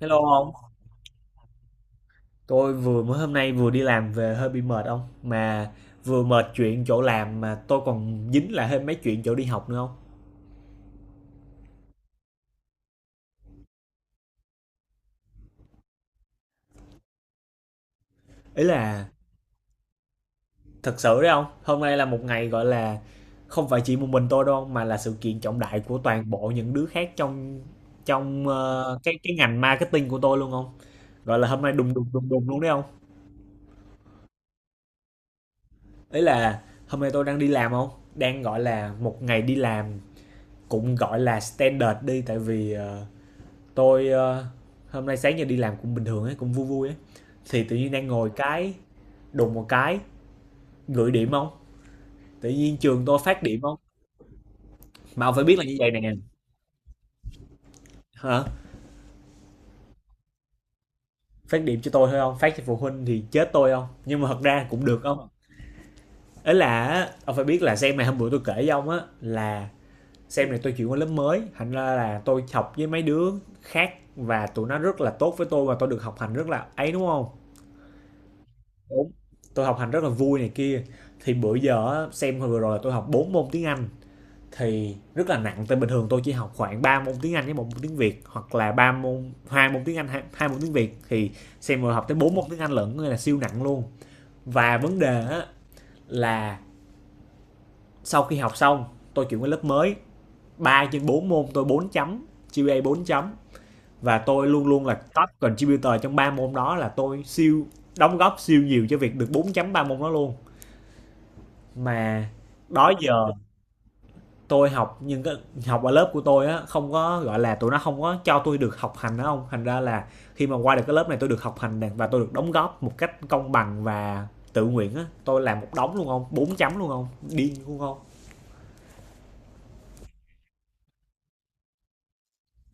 Hello ông, tôi vừa mới hôm nay vừa đi làm về hơi bị mệt ông, mà vừa mệt chuyện chỗ làm mà tôi còn dính lại thêm mấy chuyện chỗ đi học nữa không? Ý là thật sự đấy ông, hôm nay là một ngày gọi là không phải chỉ một mình tôi đâu ông, mà là sự kiện trọng đại của toàn bộ những đứa khác trong trong ờ, cái ngành marketing của tôi luôn không? Gọi là hôm nay đùng đùng đùng đùng luôn đấy không? Ý là hôm nay tôi đang đi làm không? Đang gọi là một ngày đi làm cũng gọi là standard đi, tại vì tôi hôm nay sáng giờ đi làm cũng bình thường ấy, cũng vui vui ấy thì tự nhiên đang ngồi cái đùng một cái gửi điểm không. Tự nhiên trường tôi phát điểm không, mà ông phải biết là như vậy nè. Hả? Phát điểm cho tôi thôi không phát cho phụ huynh thì chết tôi không, nhưng mà thật ra cũng được không. Ấy là á, ông phải biết là xem này, hôm bữa tôi kể với ông á là xem này tôi chuyển qua lớp mới, thành ra là tôi học với mấy đứa khác và tụi nó rất là tốt với tôi và tôi được học hành rất là ấy đúng không? Đúng. Tôi học hành rất là vui này kia. Thì bữa giờ á, xem hồi vừa rồi là tôi học 4 môn tiếng Anh thì rất là nặng, tại bình thường tôi chỉ học khoảng 3 môn tiếng Anh với một môn tiếng Việt, hoặc là ba môn, hai môn tiếng Anh hai môn tiếng Việt thì xem rồi học tới bốn môn tiếng Anh lận nên là siêu nặng luôn. Và vấn đề á, là sau khi học xong tôi chuyển qua lớp mới, 3 trên 4 môn tôi 4 chấm, giê pê a 4 chấm, và tôi luôn luôn là top contributor trong ba môn đó, là tôi siêu đóng góp siêu nhiều cho việc được 4 chấm ba môn đó luôn. Mà đó giờ tôi học, nhưng cái học ở lớp của tôi á, không có, gọi là, tụi nó không có cho tôi được học hành á ông, thành ra là khi mà qua được cái lớp này tôi được học hành nè, và tôi được đóng góp một cách công bằng và tự nguyện á. Tôi làm một đống luôn không? Bốn chấm luôn không? Điên luôn không?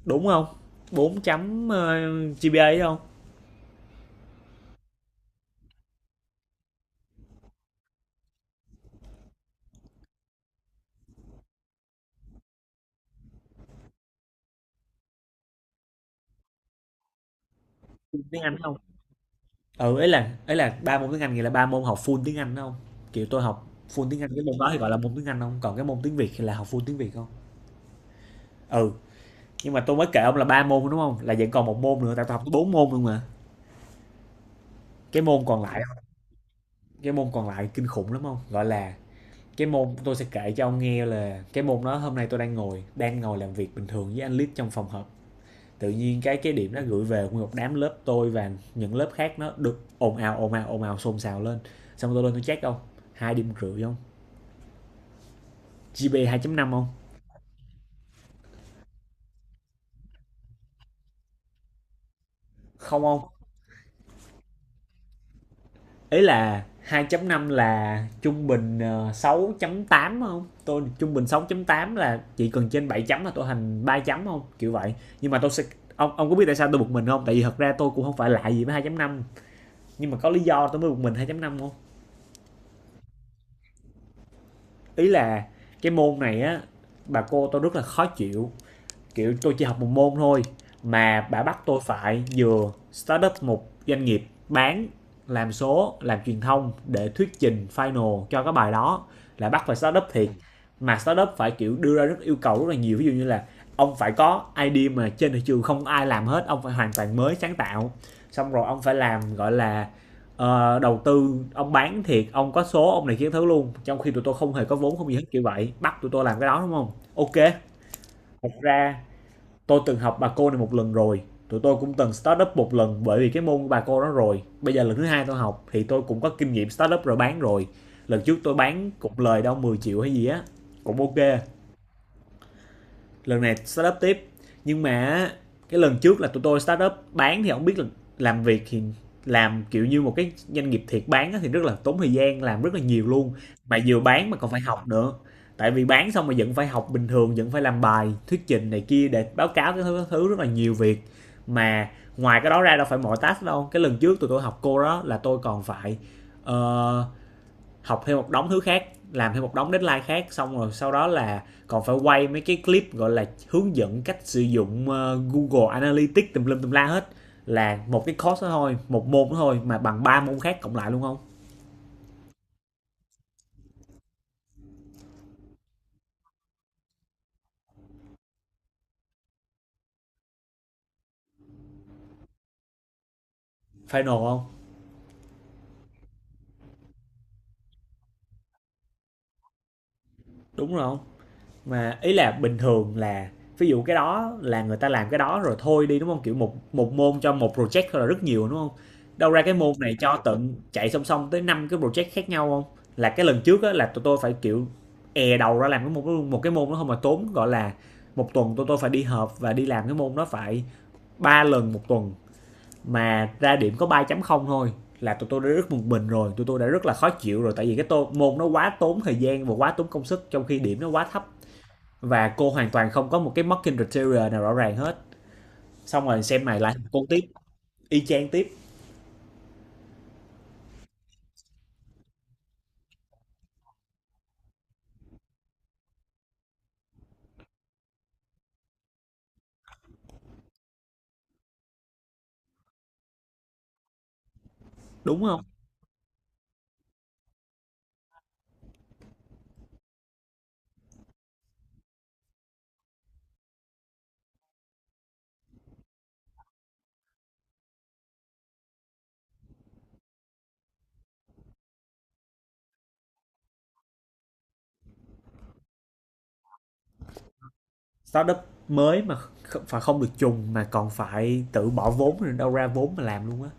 Đúng không? Bốn chấm, ơ, GPA á ông, full tiếng Anh không? Ừ, ấy là 3 môn tiếng Anh nghĩa là ba môn học full tiếng Anh á không? Kiểu, tôi học full tiếng Anh, cái môn đó thì gọi là môn tiếng Anh không? Còn cái môn tiếng Việt thì là học full tiếng Việt không? Ừ. Nhưng mà tôi mới kể ông là ba môn đúng không, là vẫn còn một môn nữa, tại tôi học bốn môn luôn mà. Cái môn còn lại, cái môn còn lại kinh khủng lắm không, gọi là cái môn tôi sẽ kể cho ông nghe là cái môn đó hôm nay tôi đang ngồi làm việc bình thường với anh lít trong phòng họp, tự nhiên cái điểm nó gửi về nguyên một đám lớp tôi và những lớp khác, nó được ồn ào ồn ào ồn ào xôn xào lên. Xong tôi lên tôi check không, hai điểm rưỡi không, gp 2 năm không. Không, không. Ý là 2.5 là trung bình, 6.8 không, tôi trung bình 6.8 là chỉ cần trên 7 chấm là tôi thành 3 chấm không, kiểu vậy. Nhưng mà tôi sẽ, ông có biết tại sao tôi bực mình không? Tại vì thật ra tôi cũng không phải lạ gì với 2.5, nhưng mà có lý do tôi mới bực mình 2.5 không. Ý là cái môn này á, bà cô tôi rất là khó chịu, kiểu tôi chỉ học một môn thôi mà bà bắt tôi phải vừa start up một doanh nghiệp, bán, làm số, làm truyền thông để thuyết trình final cho cái bài đó, là bắt phải start up thiệt. Mà start up phải kiểu đưa ra rất yêu cầu rất là nhiều, ví dụ như là ông phải có idea mà trên thị trường không ai làm hết, ông phải hoàn toàn mới sáng tạo, xong rồi ông phải làm gọi là đầu tư, ông bán thiệt, ông có số ông này kia thứ luôn, trong khi tụi tôi không hề có vốn không gì hết, kiểu vậy bắt tụi tôi làm cái đó đúng không? Ok. Thật ra tôi từng học bà cô này một lần rồi, tụi tôi cũng từng start up một lần bởi vì cái môn của bà cô đó, rồi bây giờ lần thứ hai tôi học thì tôi cũng có kinh nghiệm start up rồi, bán rồi. Lần trước tôi bán cục lời đâu 10 triệu hay gì á, cũng ok. Lần này start up tiếp, nhưng mà cái lần trước là tụi tôi start up bán, thì không biết là làm việc thì làm kiểu như một cái doanh nghiệp thiệt bán á thì rất là tốn thời gian, làm rất là nhiều luôn. Mà vừa bán mà còn phải học nữa, tại vì bán xong mà vẫn phải học bình thường, vẫn phải làm bài thuyết trình này kia để báo cáo cái thứ, rất là nhiều việc. Mà ngoài cái đó ra đâu phải mọi task đâu, cái lần trước tụi tôi học cô đó là tôi còn phải ờ, học thêm một đống thứ khác, làm thêm một đống deadline khác, xong rồi sau đó là còn phải quay mấy cái clip gọi là hướng dẫn cách sử dụng Google Analytics tùm lum tùm la hết, là một cái course đó thôi, một môn đó thôi mà bằng ba môn khác cộng lại luôn không. Final không. Đúng rồi không. Mà ý là bình thường là ví dụ cái đó là người ta làm cái đó rồi thôi đi đúng không, kiểu một một môn cho một project thôi là rất nhiều đúng không. Đâu ra cái môn này cho tận chạy song song tới năm cái project khác nhau không, là cái lần trước á, là tụi tôi phải kiểu è đầu ra làm cái một một cái môn đó không, mà tốn gọi là một tuần tụi tôi phải đi họp và đi làm cái môn đó phải ba lần một tuần, mà ra điểm có ba chấm không thôi, là tụi tôi đã rất bực mình rồi, tụi tôi đã rất là khó chịu rồi, tại vì môn nó quá tốn thời gian và quá tốn công sức trong khi điểm nó quá thấp. Và cô hoàn toàn không có một cái marketing criteria nào rõ ràng hết. Xong rồi xem này lại thành cô tiếp, y chang tiếp, đúng không? Startup mới mà, phải không được trùng mà còn phải tự bỏ vốn rồi, đâu ra vốn mà làm luôn á.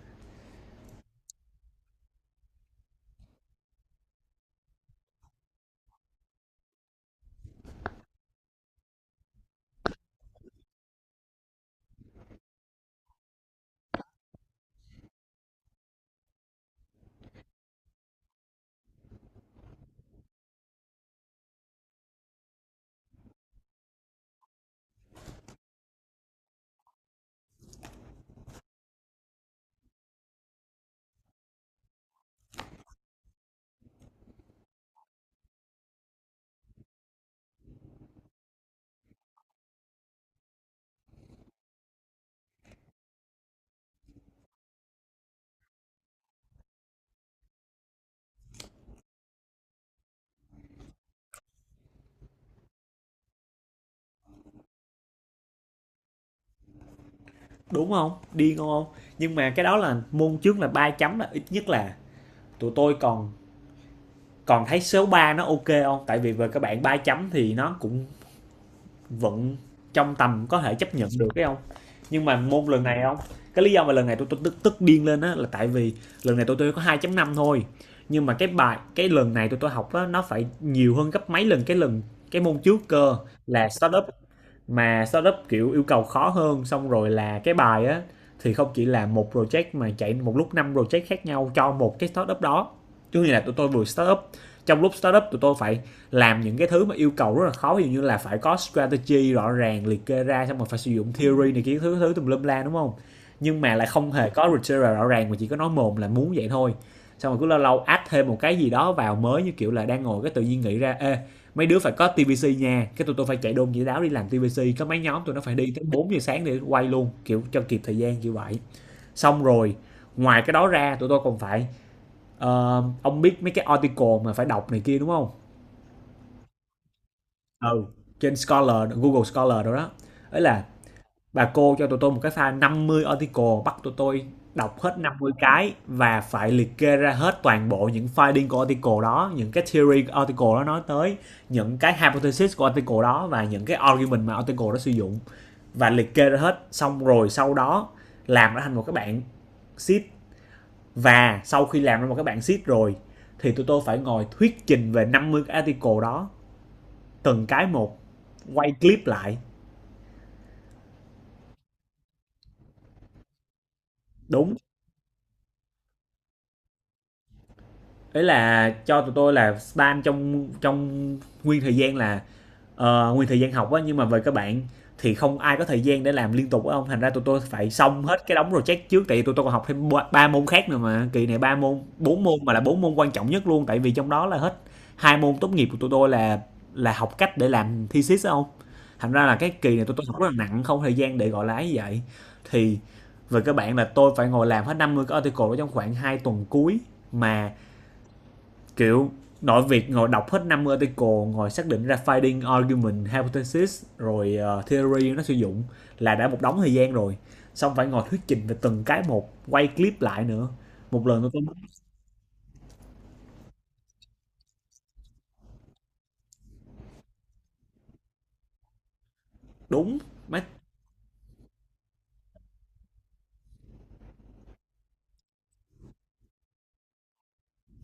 Đúng không? Điên không? Nhưng mà cái đó là môn trước là ba chấm là ít nhất là tụi tôi còn, còn thấy số 3 nó ok không, tại vì về các bạn ba chấm thì nó cũng vẫn trong tầm có thể chấp nhận được cái không. Nhưng mà môn lần này không. Cái lý do mà lần này tôi tức tức điên lên á là tại vì lần này tôi có 2 năm thôi, nhưng mà cái bài cái lần này tôi học á nó phải nhiều hơn gấp mấy lần cái môn trước cơ, là startup mà startup kiểu yêu cầu khó hơn, xong rồi là cái bài á thì không chỉ là một project mà chạy một lúc năm project khác nhau cho một cái startup đó. Chứ như là tụi tôi vừa startup, trong lúc startup tụi tôi phải làm những cái thứ mà yêu cầu rất là khó, ví dụ như là phải có strategy rõ ràng liệt kê ra, xong rồi phải sử dụng theory này kia thứ thứ tùm lum la đúng không. Nhưng mà lại không hề có criteria rõ ràng, mà chỉ có nói mồm là muốn vậy thôi. Xong rồi cứ lâu lâu add thêm một cái gì đó vào mới như kiểu là đang ngồi cái tự nhiên nghĩ ra, ê, mấy đứa phải có TVC nha, cái tụi tôi phải chạy đôn dĩa đáo đi làm TVC, có mấy nhóm tụi nó phải đi tới 4 giờ sáng để quay luôn kiểu cho kịp thời gian như vậy. Xong rồi ngoài cái đó ra tụi tôi còn phải ông biết mấy cái article mà phải đọc này kia đúng không? Ừ. Trên Scholar, Google Scholar đó đó. Ấy là bà cô Cho tụi tôi một cái file 50 article, bắt tụi tôi đọc hết 50 cái và phải liệt kê ra hết toàn bộ những finding của article đó, những cái theory của article đó nói tới, những cái hypothesis của article đó và những cái argument mà article đó sử dụng và liệt kê ra hết. Xong rồi sau đó làm nó thành một cái bản sheet, và sau khi làm ra một cái bản sheet rồi thì tụi tôi phải ngồi thuyết trình về 50 cái article đó, từng cái một, quay clip lại. Đúng. Đấy là cho tụi tôi là span trong trong nguyên thời gian là nguyên thời gian học á. Nhưng mà về các bạn thì không ai có thời gian để làm liên tục á ông, thành ra tụi tôi phải xong hết cái đống project trước, tại vì tụi tôi còn học thêm ba ba môn khác nữa mà kỳ này ba môn bốn môn, mà là bốn môn quan trọng nhất luôn, tại vì trong đó là hết hai môn tốt nghiệp của tụi tôi là học cách để làm thesis á ông. Thành ra là cái kỳ này tụi tôi học rất là nặng, không thời gian để gọi là ấy vậy. Thì về các bạn là tôi phải ngồi làm hết 50 cái article đó trong khoảng 2 tuần cuối mà, kiểu, nội việc ngồi đọc hết năm article, ngồi xác định ra finding argument hypothesis rồi theory nó sử dụng là đã một đống thời gian rồi. Xong phải ngồi thuyết trình về từng cái một, quay clip lại nữa. Một lần tôi có. Đúng. Mấy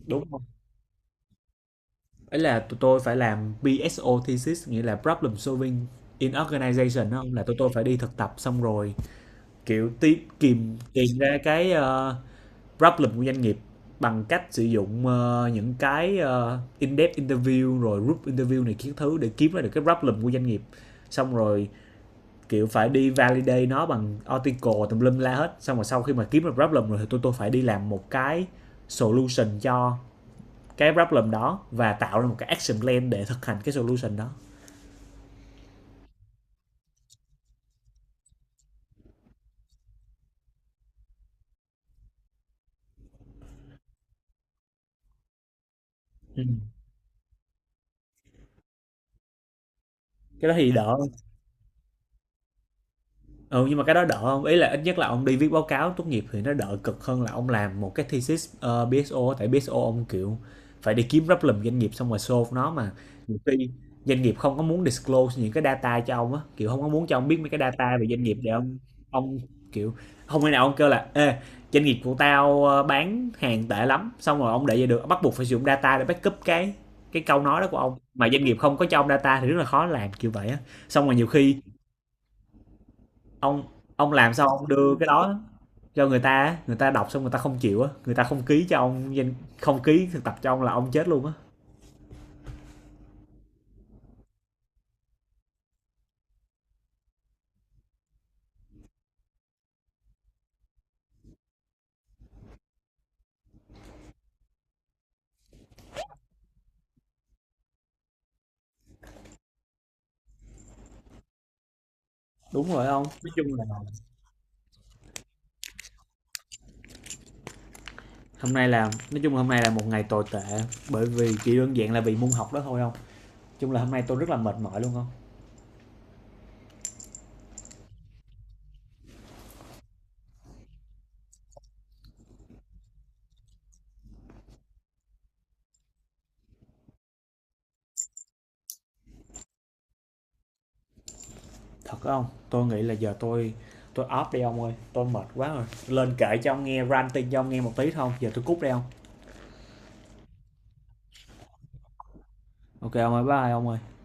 đúng không, ấy là tụi tôi phải làm PSO thesis, nghĩa là problem solving in organization đó. Là tụi tôi phải đi thực tập, xong rồi kiểu tìm ra cái problem của doanh nghiệp bằng cách sử dụng những cái in-depth interview rồi group interview này kiến thứ, để kiếm ra được cái problem của doanh nghiệp. Xong rồi kiểu phải đi validate nó bằng article tùm lum la hết, xong rồi sau khi mà kiếm được problem rồi thì tôi phải đi làm một cái solution cho cái problem đó, và tạo ra một cái action plan để thực hành cái solution đó. Ừ. Cái đó thì đỡ. Ừ, nhưng mà cái đó đỡ không, ý là ít nhất là ông đi viết báo cáo tốt nghiệp thì nó đỡ cực hơn là ông làm một cái thesis BSO. Tại BSO ông kiểu phải đi kiếm problem doanh nghiệp xong rồi solve nó mà, nhiều khi doanh nghiệp không có muốn disclose những cái data cho ông á, kiểu không có muốn cho ông biết mấy cái data về doanh nghiệp để ông kiểu không thể nào ông kêu là ê, doanh nghiệp của tao bán hàng tệ lắm xong rồi ông để vậy được, bắt buộc phải sử dụng data để backup cái câu nói đó của ông, mà doanh nghiệp không có cho ông data thì rất là khó làm kiểu vậy á. Xong rồi nhiều khi ông ông làm sao ông đưa cái đó cho người ta á, người ta đọc xong người ta không chịu á, người ta không ký cho ông danh, không ký thực tập cho ông là ông chết luôn á. Đúng rồi ông, nói chung là hôm nay là, nói chung là hôm nay là một ngày tồi tệ, bởi vì chỉ đơn giản là vì môn học đó thôi, không chung là hôm nay tôi rất là mệt mỏi luôn không thật không. Tôi nghĩ là giờ tôi off đi ông ơi, tôi mệt quá rồi, lên kể cho ông nghe ranting cho ông nghe một tí thôi, giờ tôi cút đi ông. Ok ông ơi, bye ông ơi.